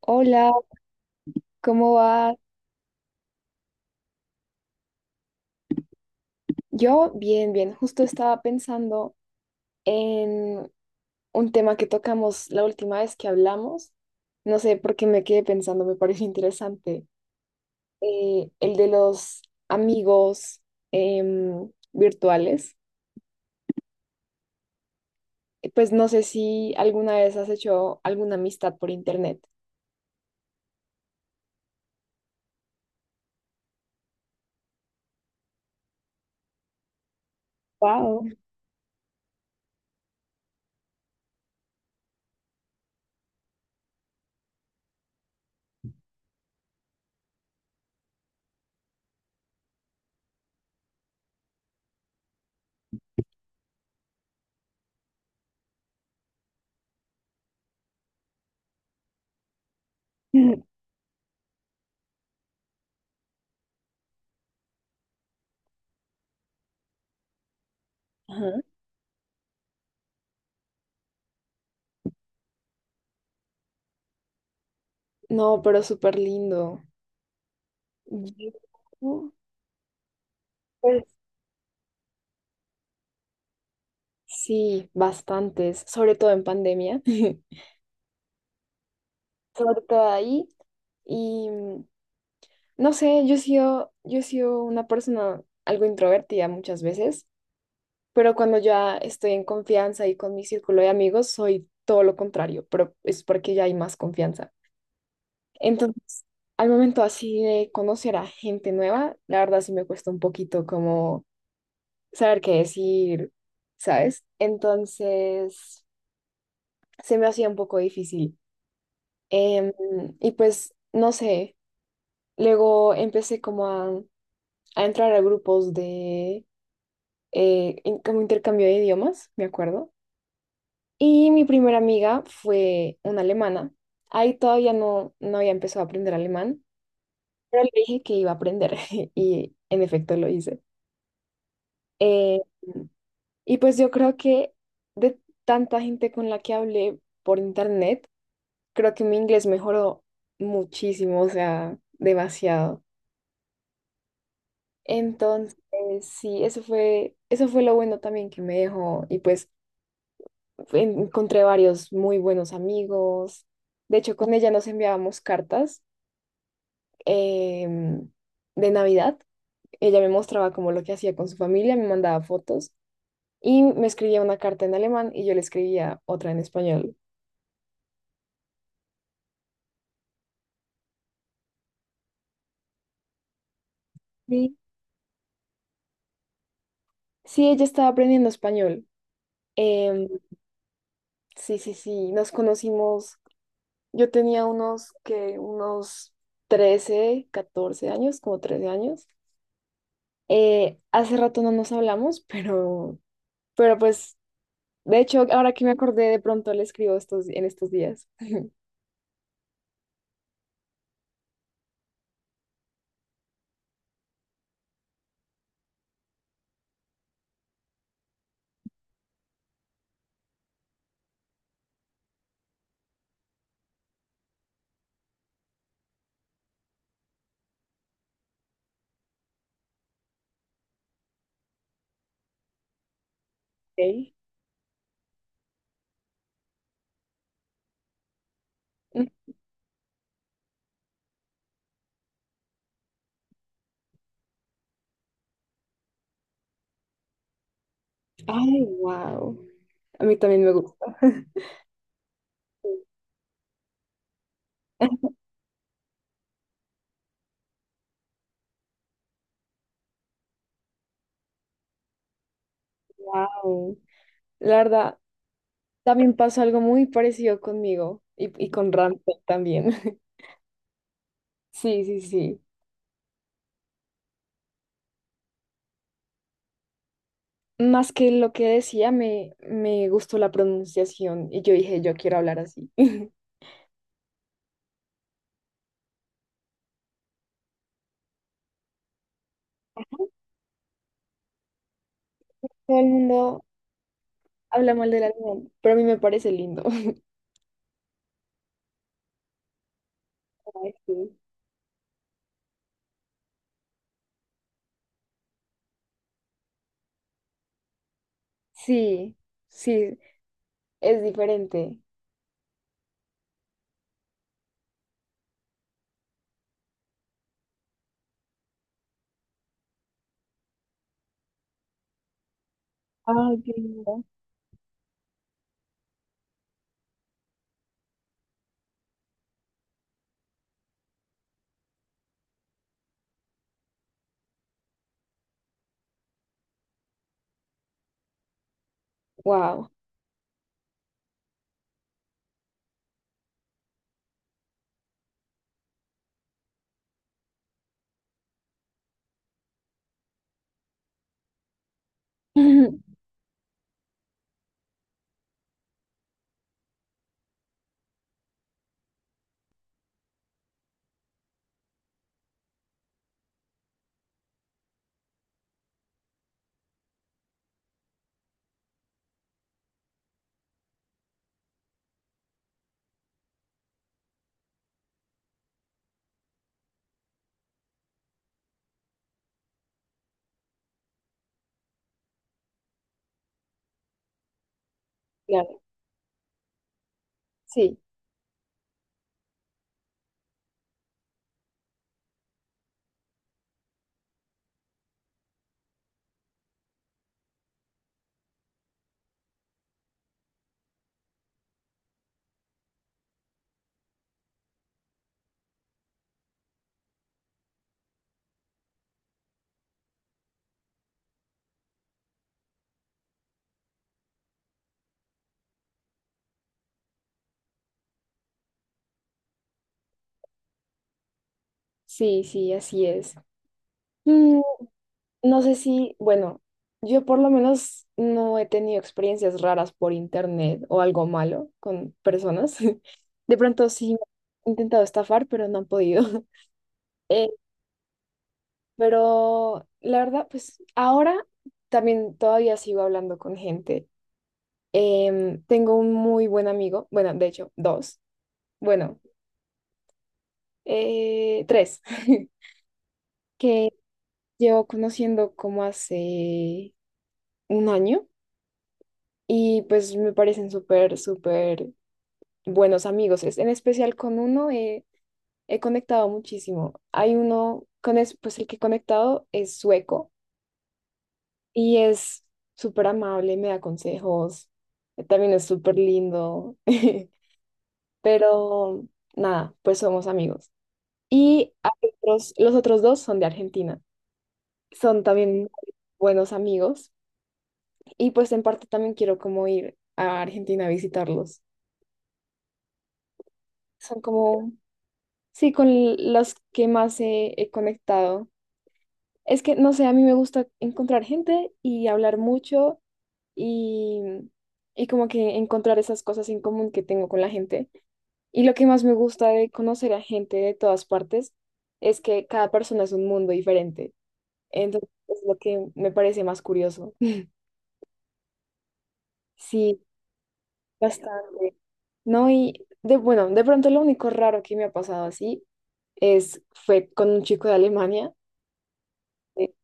Hola, ¿cómo va? Yo bien, bien. Justo estaba pensando en un tema que tocamos la última vez que hablamos. No sé por qué me quedé pensando, me pareció interesante. El de los amigos virtuales. Pues no sé si alguna vez has hecho alguna amistad por internet. Wow. Ajá. No, pero súper lindo. Yo, pues sí, bastantes, sobre todo en pandemia. Corta ahí. Y mm, no sé, yo he sido una persona algo introvertida muchas veces, pero cuando ya estoy en confianza y con mi círculo de amigos, soy todo lo contrario, pero es porque ya hay más confianza. Entonces, al momento así de conocer a gente nueva, la verdad sí me cuesta un poquito como saber qué decir, ¿sabes? Entonces, se me hacía un poco difícil. Em, y pues, no sé, luego empecé como a entrar a grupos de como intercambio de idiomas, me acuerdo. Y mi primera amiga fue una alemana. Ahí todavía no, no había empezado a aprender alemán, pero le dije que iba a aprender y en efecto lo hice. Eh, y pues yo creo que de tanta gente con la que hablé por internet, creo que mi inglés mejoró muchísimo, o sea, demasiado. Entonces, sí, eso fue lo bueno también que me dejó y pues encontré varios muy buenos amigos. De hecho, con ella nos enviábamos cartas em, de Navidad. Ella me mostraba como lo que hacía con su familia, me mandaba fotos y me escribía una carta en alemán y yo le escribía otra en español. Sí. Sí, ella estaba aprendiendo español. Em, sí, sí, sí, nos conocimos. Yo tenía unos 13 14 años, como 13 años. Hace rato no nos hablamos, pero pues de hecho, ahora que me acordé, de pronto le escribo en estos días. Ok. Mm. Ay, wow. A mí también me gusta. Wow. La verdad, también pasó algo muy parecido conmigo y con Ramsey también. Sí, sí, sí. Más que lo que decía, me gustó la pronunciación y yo dije, yo quiero hablar así. Todo el mundo habla mal del alemán, pero a mí me parece lindo. Ay, sí, sí, sí, es diferente. Ay, qué lindo. Wow. Claro, sí, sí, sí, así es. Mm, no sé si, bueno, yo por lo menos no he tenido experiencias raras por internet o algo malo con personas. De pronto sí me han intentado estafar, pero no han podido. Eh, pero la verdad, pues ahora también todavía sigo hablando con gente. Em, tengo un muy buen amigo, bueno, de hecho, dos, bueno, tres. Que llevo conociendo como hace un año y pues me parecen súper, súper buenos amigos. En especial con uno he conectado muchísimo. Hay uno pues el que he conectado es sueco y es súper amable, me da consejos, también es súper lindo, pero nada, pues somos amigos. Y hay otros, los otros dos son de Argentina. Son también buenos amigos. Y pues en parte también quiero como ir a Argentina a visitarlos. Son como, sí, con los que más he conectado. Es que, no sé, a mí me gusta encontrar gente y hablar mucho y, y como que encontrar esas cosas en común que tengo con la gente. Y lo que más me gusta de conocer a gente de todas partes es que cada persona es un mundo diferente. Entonces, es lo que me parece más curioso. Sí. Bastante. No, y de bueno, de pronto lo único raro que me ha pasado así es fue con un chico de Alemania. eh,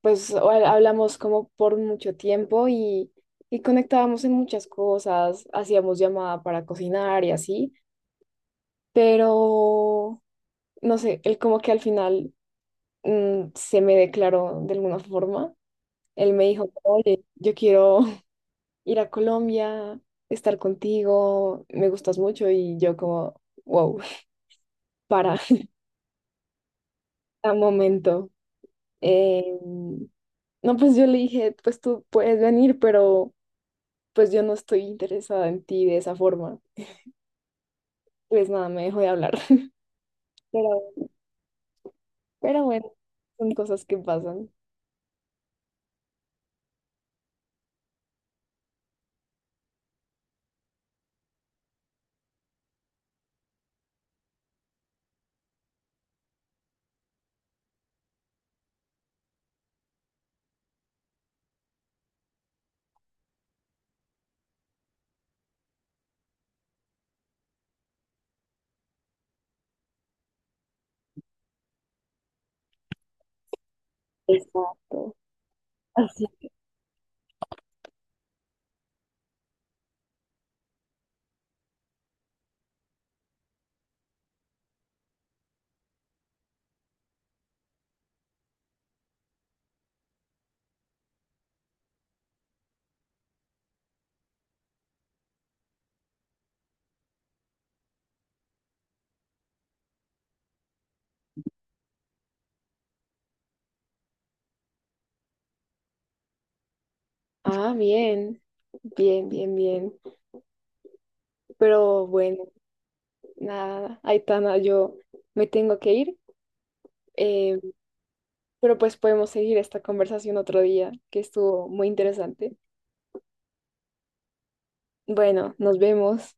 Pues hablamos como por mucho tiempo y conectábamos en muchas cosas, hacíamos llamada para cocinar y así, pero no sé, él como que al final mm, se me declaró de alguna forma. Él me dijo, oye, yo quiero ir a Colombia, estar contigo, me gustas mucho y yo como, wow, para. A momento. Em, no, pues yo le dije, pues tú puedes venir, pero pues yo no estoy interesada en ti de esa forma. Pues nada, me dejó de hablar. Pero, pero bueno, son cosas que pasan. Exacto. Así. Ah, bien, bien, bien, bien. Pero bueno, nada, Aitana, yo me tengo que ir. eh, pero pues podemos seguir esta conversación otro día, que estuvo muy interesante. Bueno, nos vemos.